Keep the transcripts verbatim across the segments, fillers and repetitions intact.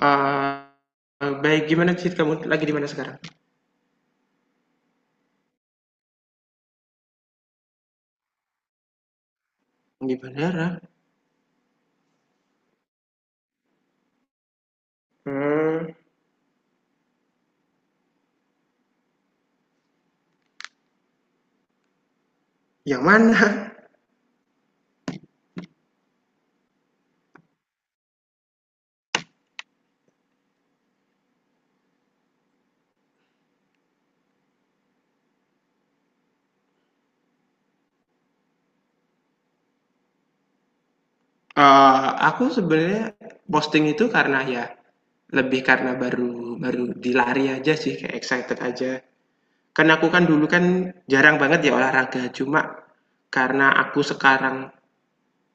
Eee, baik, gimana sih, kamu lagi di mana sekarang? Di bandara? Mmm, yang mana? Eee, aku sebenarnya posting itu karena ya, lebih karena baru baru dilari aja sih, kayak excited aja. Kan aku kan dulu kan jarang banget ya olahraga, cuma karena aku sekarang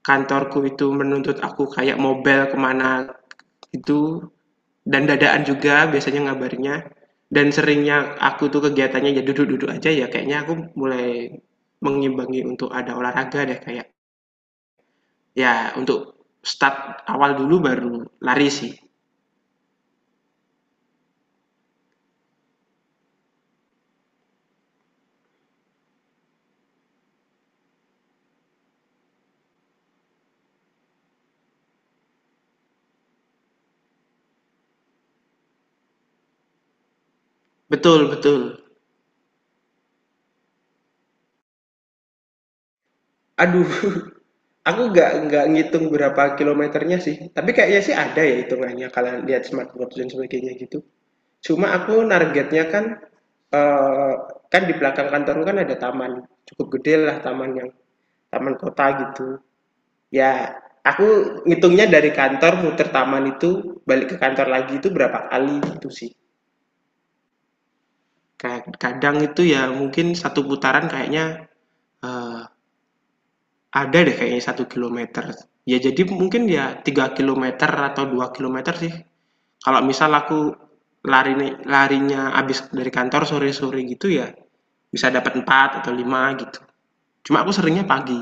kantorku itu menuntut aku kayak mobile kemana itu. Dan dadaan juga biasanya ngabarnya dan seringnya aku tuh kegiatannya ya duduk-duduk aja ya, kayaknya aku mulai mengimbangi untuk ada olahraga deh kayak, ya untuk start awal dulu baru lari sih. Betul betul. Aduh, aku nggak nggak ngitung berapa kilometernya sih, tapi kayaknya sih ada ya hitungannya kalau lihat smartwatch dan sebagainya gitu. Cuma aku targetnya kan, eee, kan di belakang kantorku kan ada taman, cukup gede lah taman yang taman kota gitu. Ya, aku ngitungnya dari kantor muter taman itu, balik ke kantor lagi itu berapa kali gitu sih. Kayak kadang itu ya mungkin satu putaran kayaknya eh, ada deh kayaknya satu kilometer. Ya jadi mungkin ya tiga kilometer atau dua kilometer sih. Kalau misal aku lari larinya abis dari kantor sore-sore gitu ya bisa dapat empat atau lima gitu. Cuma aku seringnya pagi.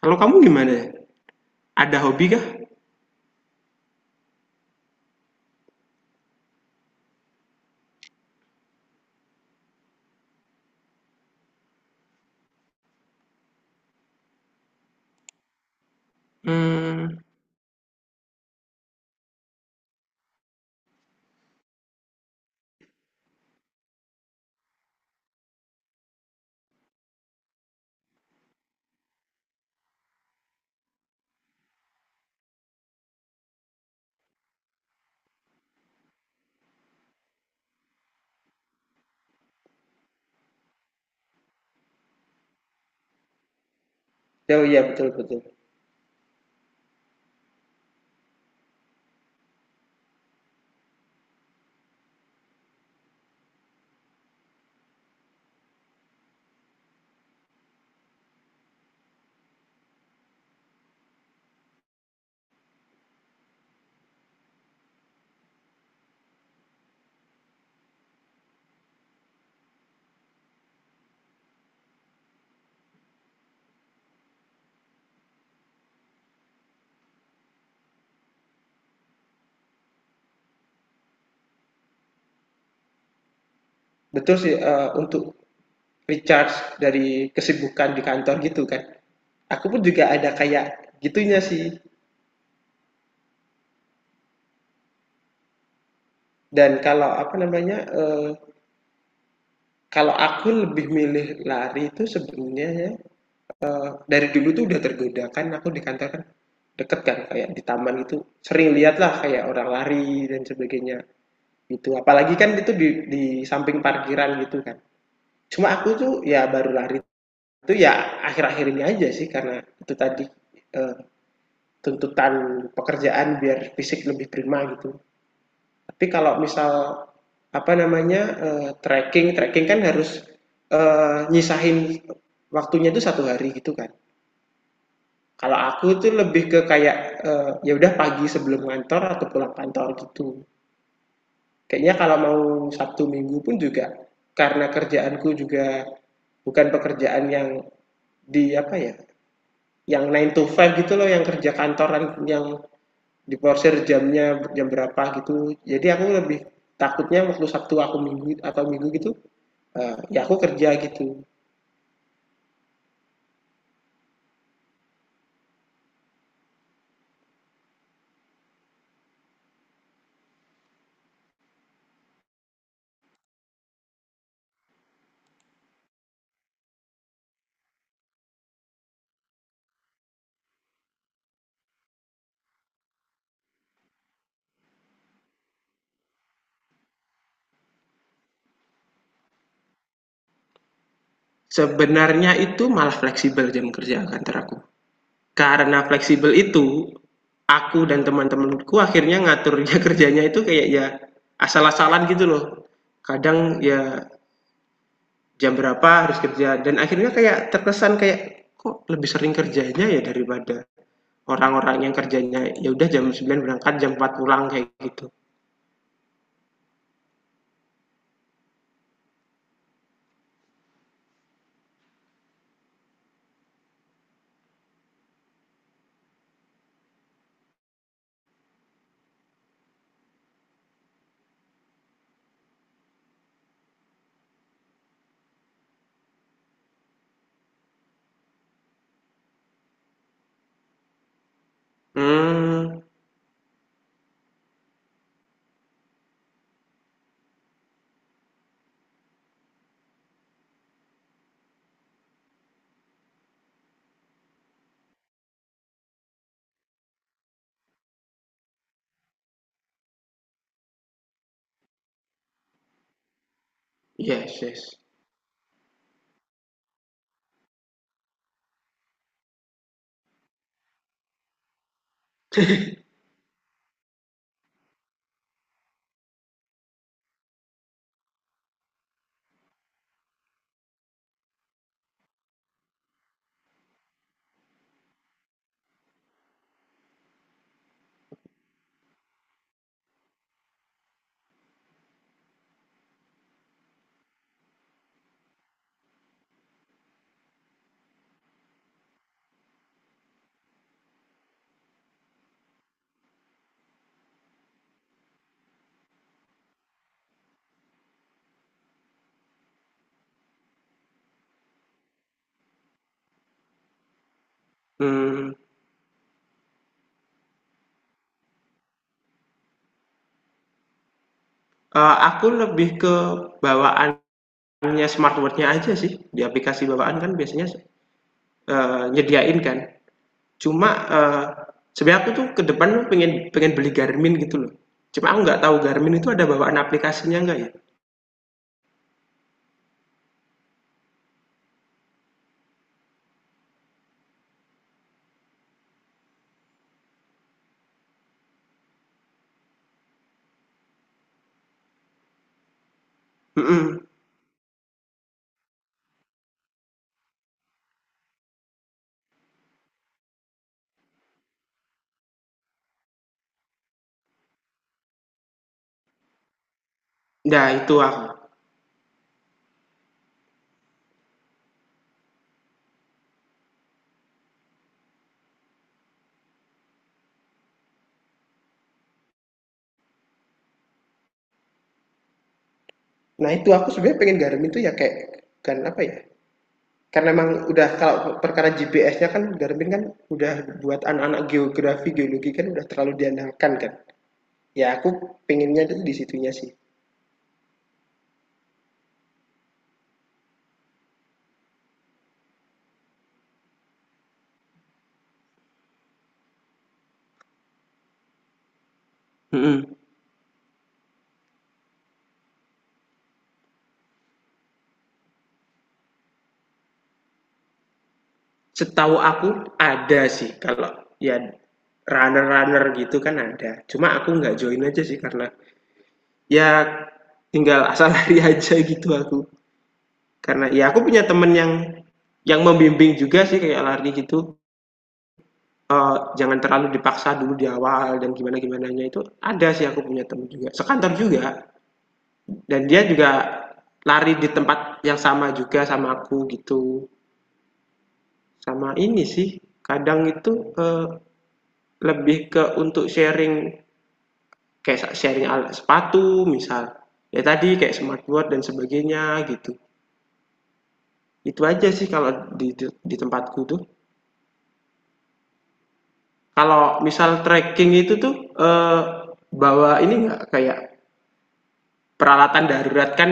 Kalau kamu gimana? Ada hobi kah? Hmm. Oh iya, betul betul. Betul sih, eee, untuk recharge dari kesibukan di kantor gitu kan. Aku pun juga ada kayak gitunya sih. Dan kalau apa namanya, eee, kalau aku lebih milih lari itu sebenarnya ya, eee, dari dulu tuh udah tergoda kan, aku di kantor kan deket kan kayak di taman itu sering lihat lah kayak orang lari dan sebagainya gitu. Apalagi kan itu di di samping parkiran gitu kan. Cuma aku tuh ya baru lari itu ya akhir-akhir ini aja sih karena itu tadi, eee tuntutan pekerjaan biar fisik lebih prima gitu. Tapi kalau misal apa namanya eh, trekking, trekking kan harus eh, nyisahin waktunya itu satu hari gitu kan. Kalau aku tuh lebih ke kayak eh, ya udah pagi sebelum kantor atau pulang kantor gitu. Kayaknya kalau mau Sabtu Minggu pun juga karena kerjaanku juga bukan pekerjaan yang di apa ya, yang nine to five gitu loh, yang kerja kantoran yang diporsir jamnya jam berapa gitu, jadi aku lebih takutnya waktu Sabtu aku minggu atau minggu gitu eh, ya aku kerja gitu. Sebenarnya itu malah fleksibel jam kerja kantor aku. Karena fleksibel itu, aku dan teman-temanku akhirnya ngaturnya kerjanya itu kayak ya asal-asalan gitu loh. Kadang ya jam berapa harus kerja dan akhirnya kayak terkesan kayak kok lebih sering kerjanya ya daripada orang-orang yang kerjanya ya udah jam sembilan berangkat, jam empat pulang kayak gitu. Hmm, yes yes. Mmm, eee, aku lebih ke bawaannya smartwatch-nya aja sih, di aplikasi bawaan kan biasanya, eee, nyediain kan. Cuma, eee, sebenarnya aku tuh ke depan pengen pengen beli Garmin gitu loh. Cuma aku nggak tahu Garmin itu ada bawaan aplikasinya nggak ya? Mhm. Nah itu aku nah itu aku sebenarnya pengen Garmin itu ya kayak, kan apa ya, karena memang udah kalau perkara G P S-nya kan Garmin kan udah buat anak-anak geografi, geologi kan udah terlalu diandalkan kan. Ya aku pengennya itu di situnya sih. Mm-mm. Setahu aku ada sih kalau ya runner-runner gitu kan ada. Cuma aku nggak join aja sih karena ya tinggal asal lari aja gitu aku. Karena ya aku punya temen yang yang membimbing juga sih kayak lari gitu. Eh, jangan terlalu dipaksa dulu di awal dan gimana gimananya itu ada sih, aku punya temen juga sekantor juga dan dia juga lari di tempat yang sama juga sama aku gitu. Sama ini sih, kadang itu eh, lebih ke untuk sharing, kayak sharing alat sepatu misal, ya tadi kayak smartboard dan sebagainya gitu, itu aja sih kalau di, di, di tempatku tuh. Kalau misal trekking itu tuh eh, bawa ini nggak kayak peralatan darurat kan,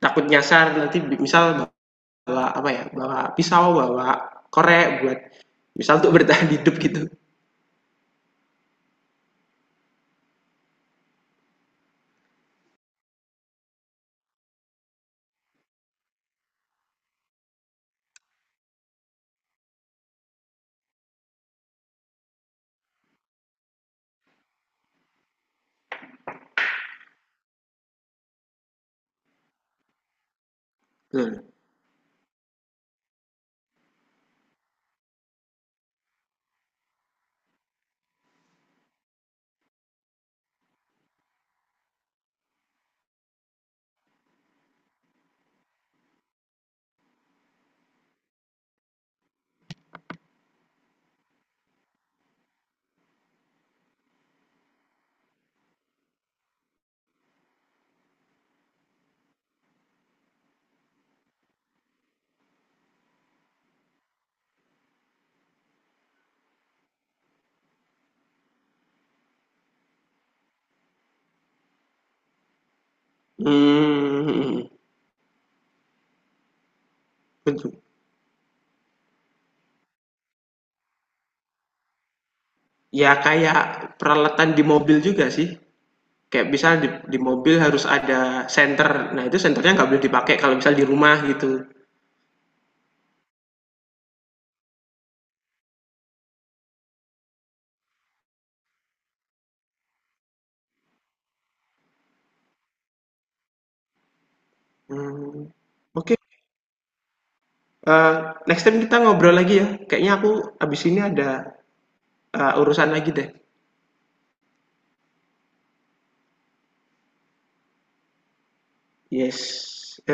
takut nyasar nanti misal bawa apa ya, bawa pisau, bawa korek buat misal untuk bertahan hidup gitu. Nah. Hmm, hmm. Ya kayak peralatan di mobil juga sih. Kayak misal di, di mobil harus ada senter. Nah itu senternya nggak boleh dipakai kalau misal di rumah gitu. Hmm. Oke. Eh, Next time kita ngobrol lagi ya. Kayaknya aku abis ini ada eh, urusan lagi deh. Yes.